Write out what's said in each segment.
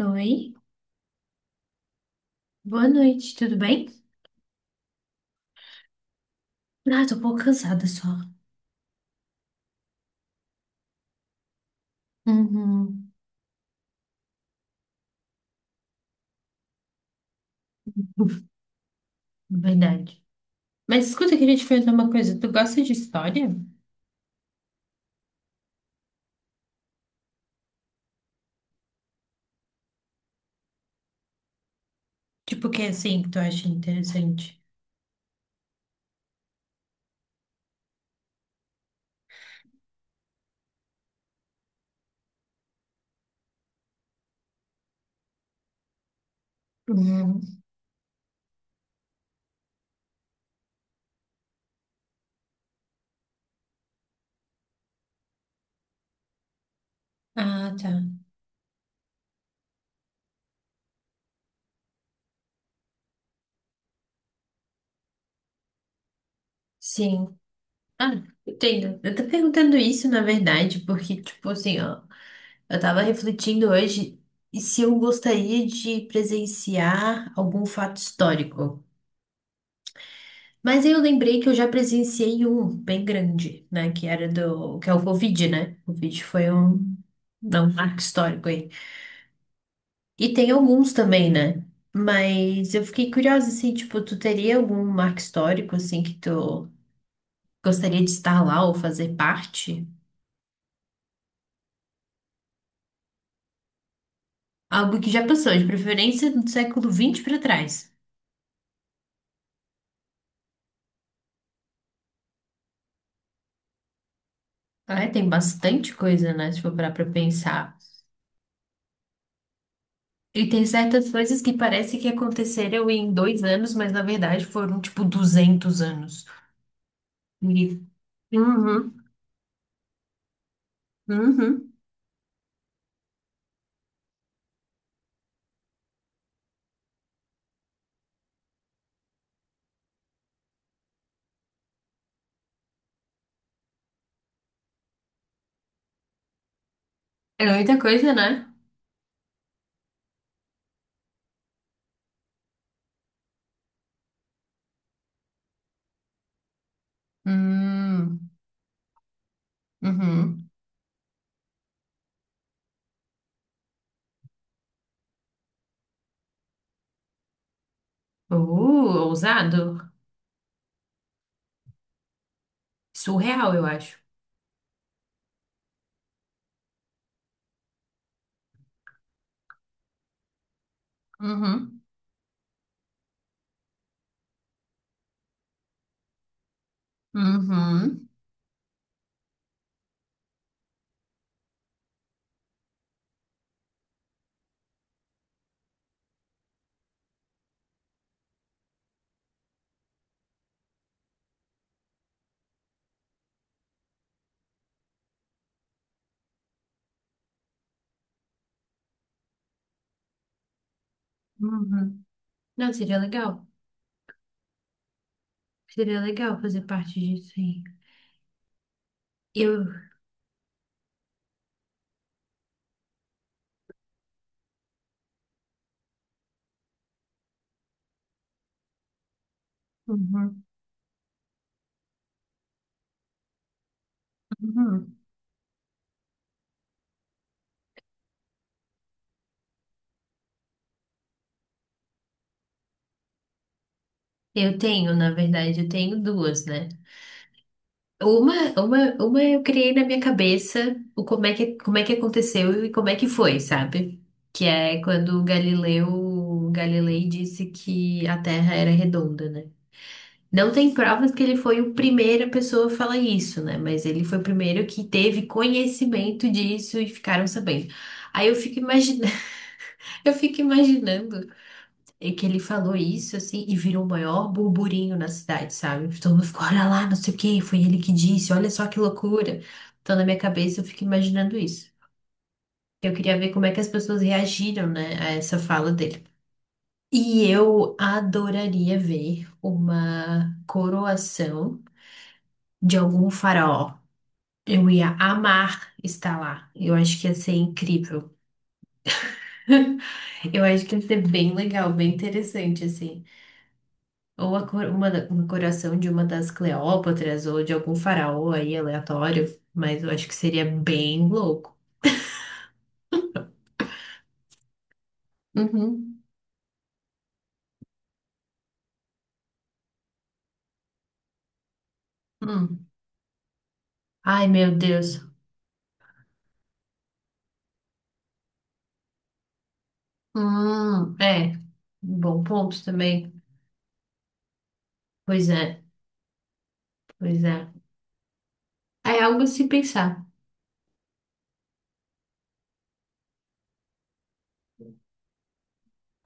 Oi, boa noite, tudo bem? Ah, tô um pouco cansada só. Uhum. Verdade. Mas escuta, eu queria te perguntar uma coisa. Tu gosta de história? Tipo, o que é assim que tu acha interessante? Uhum. Ah, tá. Sim. Ah, entendo. Eu tô perguntando isso, na verdade, porque, tipo assim, ó, eu tava refletindo hoje e se eu gostaria de presenciar algum fato histórico. Mas aí eu lembrei que eu já presenciei um bem grande, né? Que era do, que é o Covid, né? O Covid foi um, não, um marco histórico aí. E tem alguns também, né? Mas eu fiquei curiosa, assim, tipo, tu teria algum marco histórico, assim, que tu gostaria de estar lá ou fazer parte? Algo que já passou, de preferência do século XX para trás. Ah, é, tem bastante coisa, né? Se for parar pra pensar. E tem certas coisas que parece que aconteceram em 2 anos, mas na verdade foram tipo 200 anos. E- Uhum, uhum. É muita coisa, né? Hum, uhum. Ousado. Surreal, eu acho. Uhum, uhum, uhum. Não, seria legal. Seria legal fazer parte disso aí. Eu, uhum, uhum. Eu tenho, na verdade, eu tenho duas, né? Uma eu criei na minha cabeça o como é que aconteceu e como é que foi, sabe? Que é quando o Galileu Galilei disse que a Terra era redonda, né? Não tem provas que ele foi o primeiro a pessoa a falar isso, né? Mas ele foi o primeiro que teve conhecimento disso e ficaram sabendo. Aí eu fico imaginando, eu fico imaginando. E que ele falou isso, assim, e virou o maior burburinho na cidade, sabe? Todo mundo ficou, olha lá, não sei o quê, foi ele que disse, olha só que loucura. Então, na minha cabeça, eu fico imaginando isso. Eu queria ver como é que as pessoas reagiram, né, a essa fala dele. E eu adoraria ver uma coroação de algum faraó. Eu ia amar estar lá. Eu acho que ia ser incrível. Eu acho que ia ser bem legal, bem interessante, assim. Ou a cor- uma, da- um coração de uma das Cleópatras ou de algum faraó aí aleatório, mas eu acho que seria bem louco. Uhum. Hum. Ai, meu Deus. É, bom ponto também. Pois é, pois é. É algo a se pensar.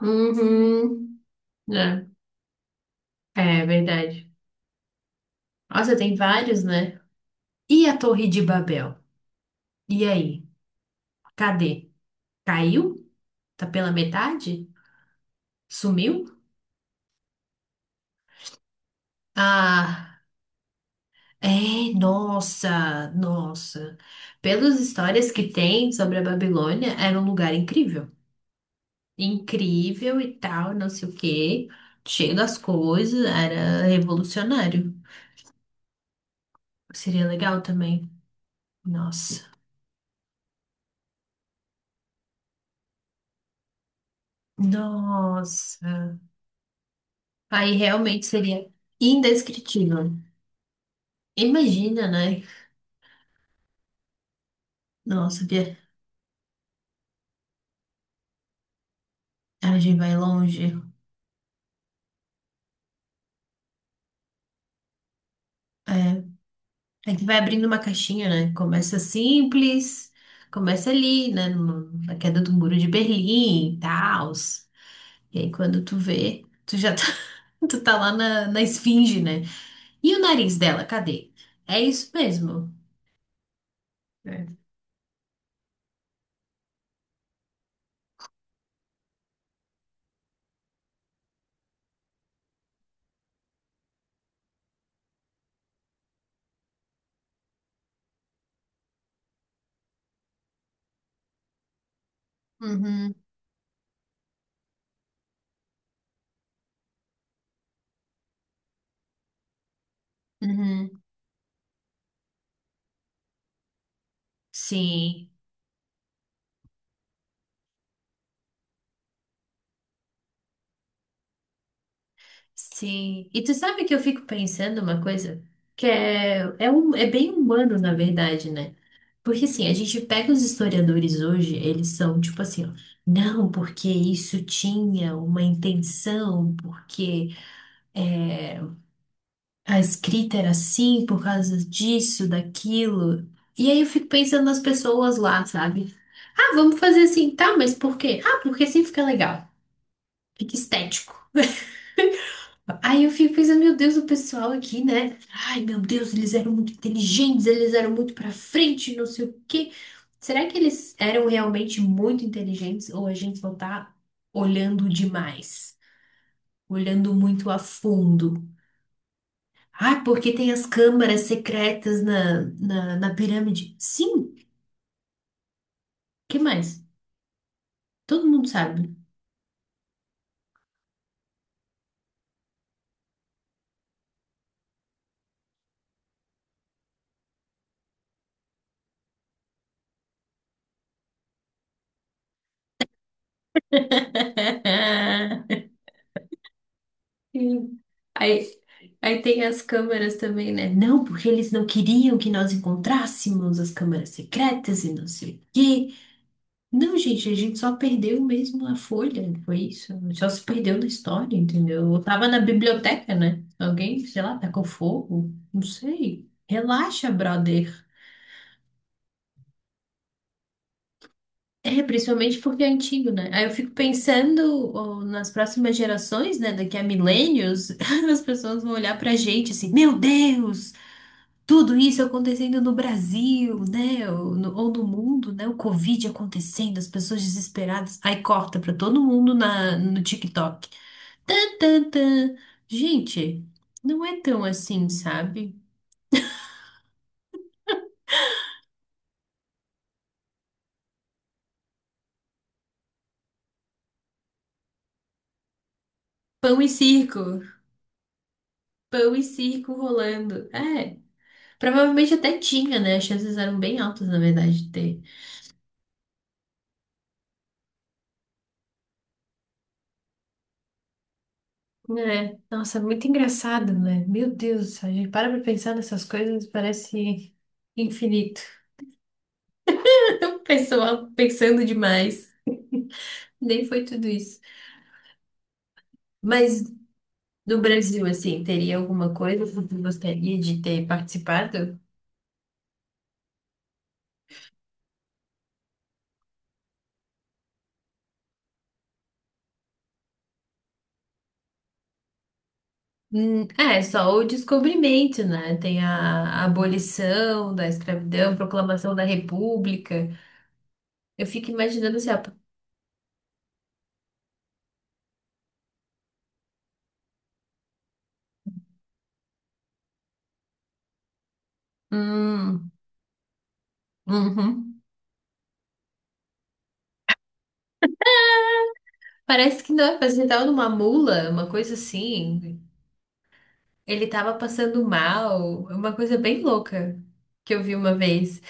Uhum. É, é verdade. Nossa, tem vários, né? E a Torre de Babel? E aí? Cadê? Caiu? Tá pela metade? Sumiu? Ah. É, nossa, nossa. Pelas histórias que tem sobre a Babilônia, era um lugar incrível. Incrível e tal, não sei o quê. Cheio das coisas, era revolucionário. Seria legal também. Nossa. Nossa. Aí realmente seria indescritível. Imagina, né? Nossa, a viagem vai longe. É. É que vai abrindo uma caixinha, né? Começa simples, começa ali, né? Na queda do muro de Berlim e tal. E aí quando tu vê, tu já tá, tu tá lá na esfinge, né? E o nariz dela, cadê? É isso mesmo. É. Uhum, uhum. Sim, sim. E tu sabe que eu fico pensando uma coisa que é bem humano, na verdade, né? Porque assim, a gente pega os historiadores hoje, eles são tipo assim, ó, não, porque isso tinha uma intenção, porque é, a escrita era assim por causa disso, daquilo. E aí eu fico pensando nas pessoas lá, sabe? Ah, vamos fazer assim, tá, mas por quê? Ah, porque assim fica legal, fica estético. Aí eu fico pensando, meu Deus, o pessoal aqui, né? Ai, meu Deus, eles eram muito inteligentes, eles eram muito pra frente, não sei o quê. Será que eles eram realmente muito inteligentes ou a gente só tá olhando demais, olhando muito a fundo? Ah, porque tem as câmaras secretas na pirâmide. Sim, que mais? Todo mundo sabe. Sim. Aí, aí tem as câmeras também, né? Não, porque eles não queriam que nós encontrássemos as câmeras secretas e não sei o quê. Não, gente, a gente só perdeu mesmo a folha, né? foi isso. Só se perdeu na história, entendeu? Eu tava na biblioteca, né? Alguém, sei lá, tacou fogo, não sei. Relaxa, brother. É, principalmente porque é antigo, né? Aí eu fico pensando ó, nas próximas gerações, né? Daqui a milênios, as pessoas vão olhar pra gente assim, meu Deus! Tudo isso acontecendo no Brasil, né? Ou no mundo, né? O Covid acontecendo, as pessoas desesperadas. Aí corta pra todo mundo na, no TikTok. Tan, tan, tan. Gente, não é tão assim, sabe? Pão e circo. Pão e circo rolando. É. Provavelmente até tinha, né? As chances eram bem altas, na verdade, de ter. É. Nossa, muito engraçado, né? Meu Deus, a gente para pra pensar nessas coisas, parece infinito. Pessoal pensando demais. Nem foi tudo isso. Mas no Brasil, assim, teria alguma coisa que você gostaria de ter participado? É, só o descobrimento, né? Tem a abolição da escravidão, proclamação da República. Eu fico imaginando assim, ó, hum, uhum. Parece que não, parece que ele tava numa mula, uma coisa assim. Ele tava passando mal, uma coisa bem louca que eu vi uma vez.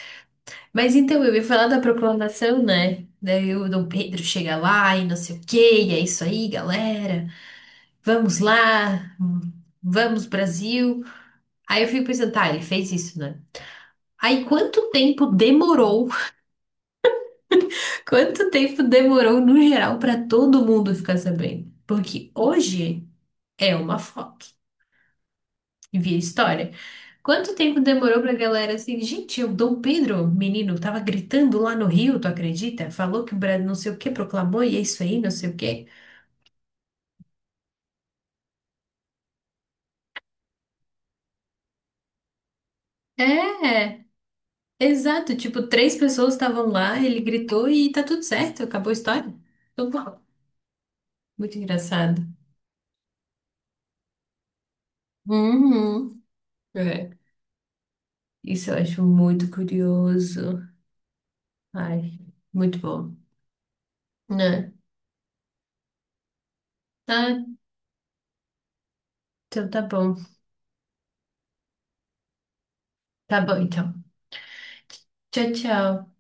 Mas então, eu ia falar da proclamação, né? Daí o Dom Pedro chega lá e não sei o quê, e é isso aí, galera. Vamos lá, vamos Brasil. Aí eu fico pensando, tá, ele fez isso, né? Aí quanto tempo demorou? Quanto tempo demorou no geral pra todo mundo ficar sabendo? Porque hoje é uma foto. E via história. Quanto tempo demorou pra galera assim, gente, o Dom Pedro, menino, tava gritando lá no Rio, tu acredita? Falou que o Brasil não sei o que proclamou e é isso aí, não sei o quê. É, exato, tipo, três pessoas estavam lá, ele gritou e tá tudo certo, acabou a história. Tudo bom. Muito engraçado. Uhum. É, isso eu acho muito curioso. Ai, muito bom. Né? Ah, então tá bom. Tá bom, então. Tchau, tchau.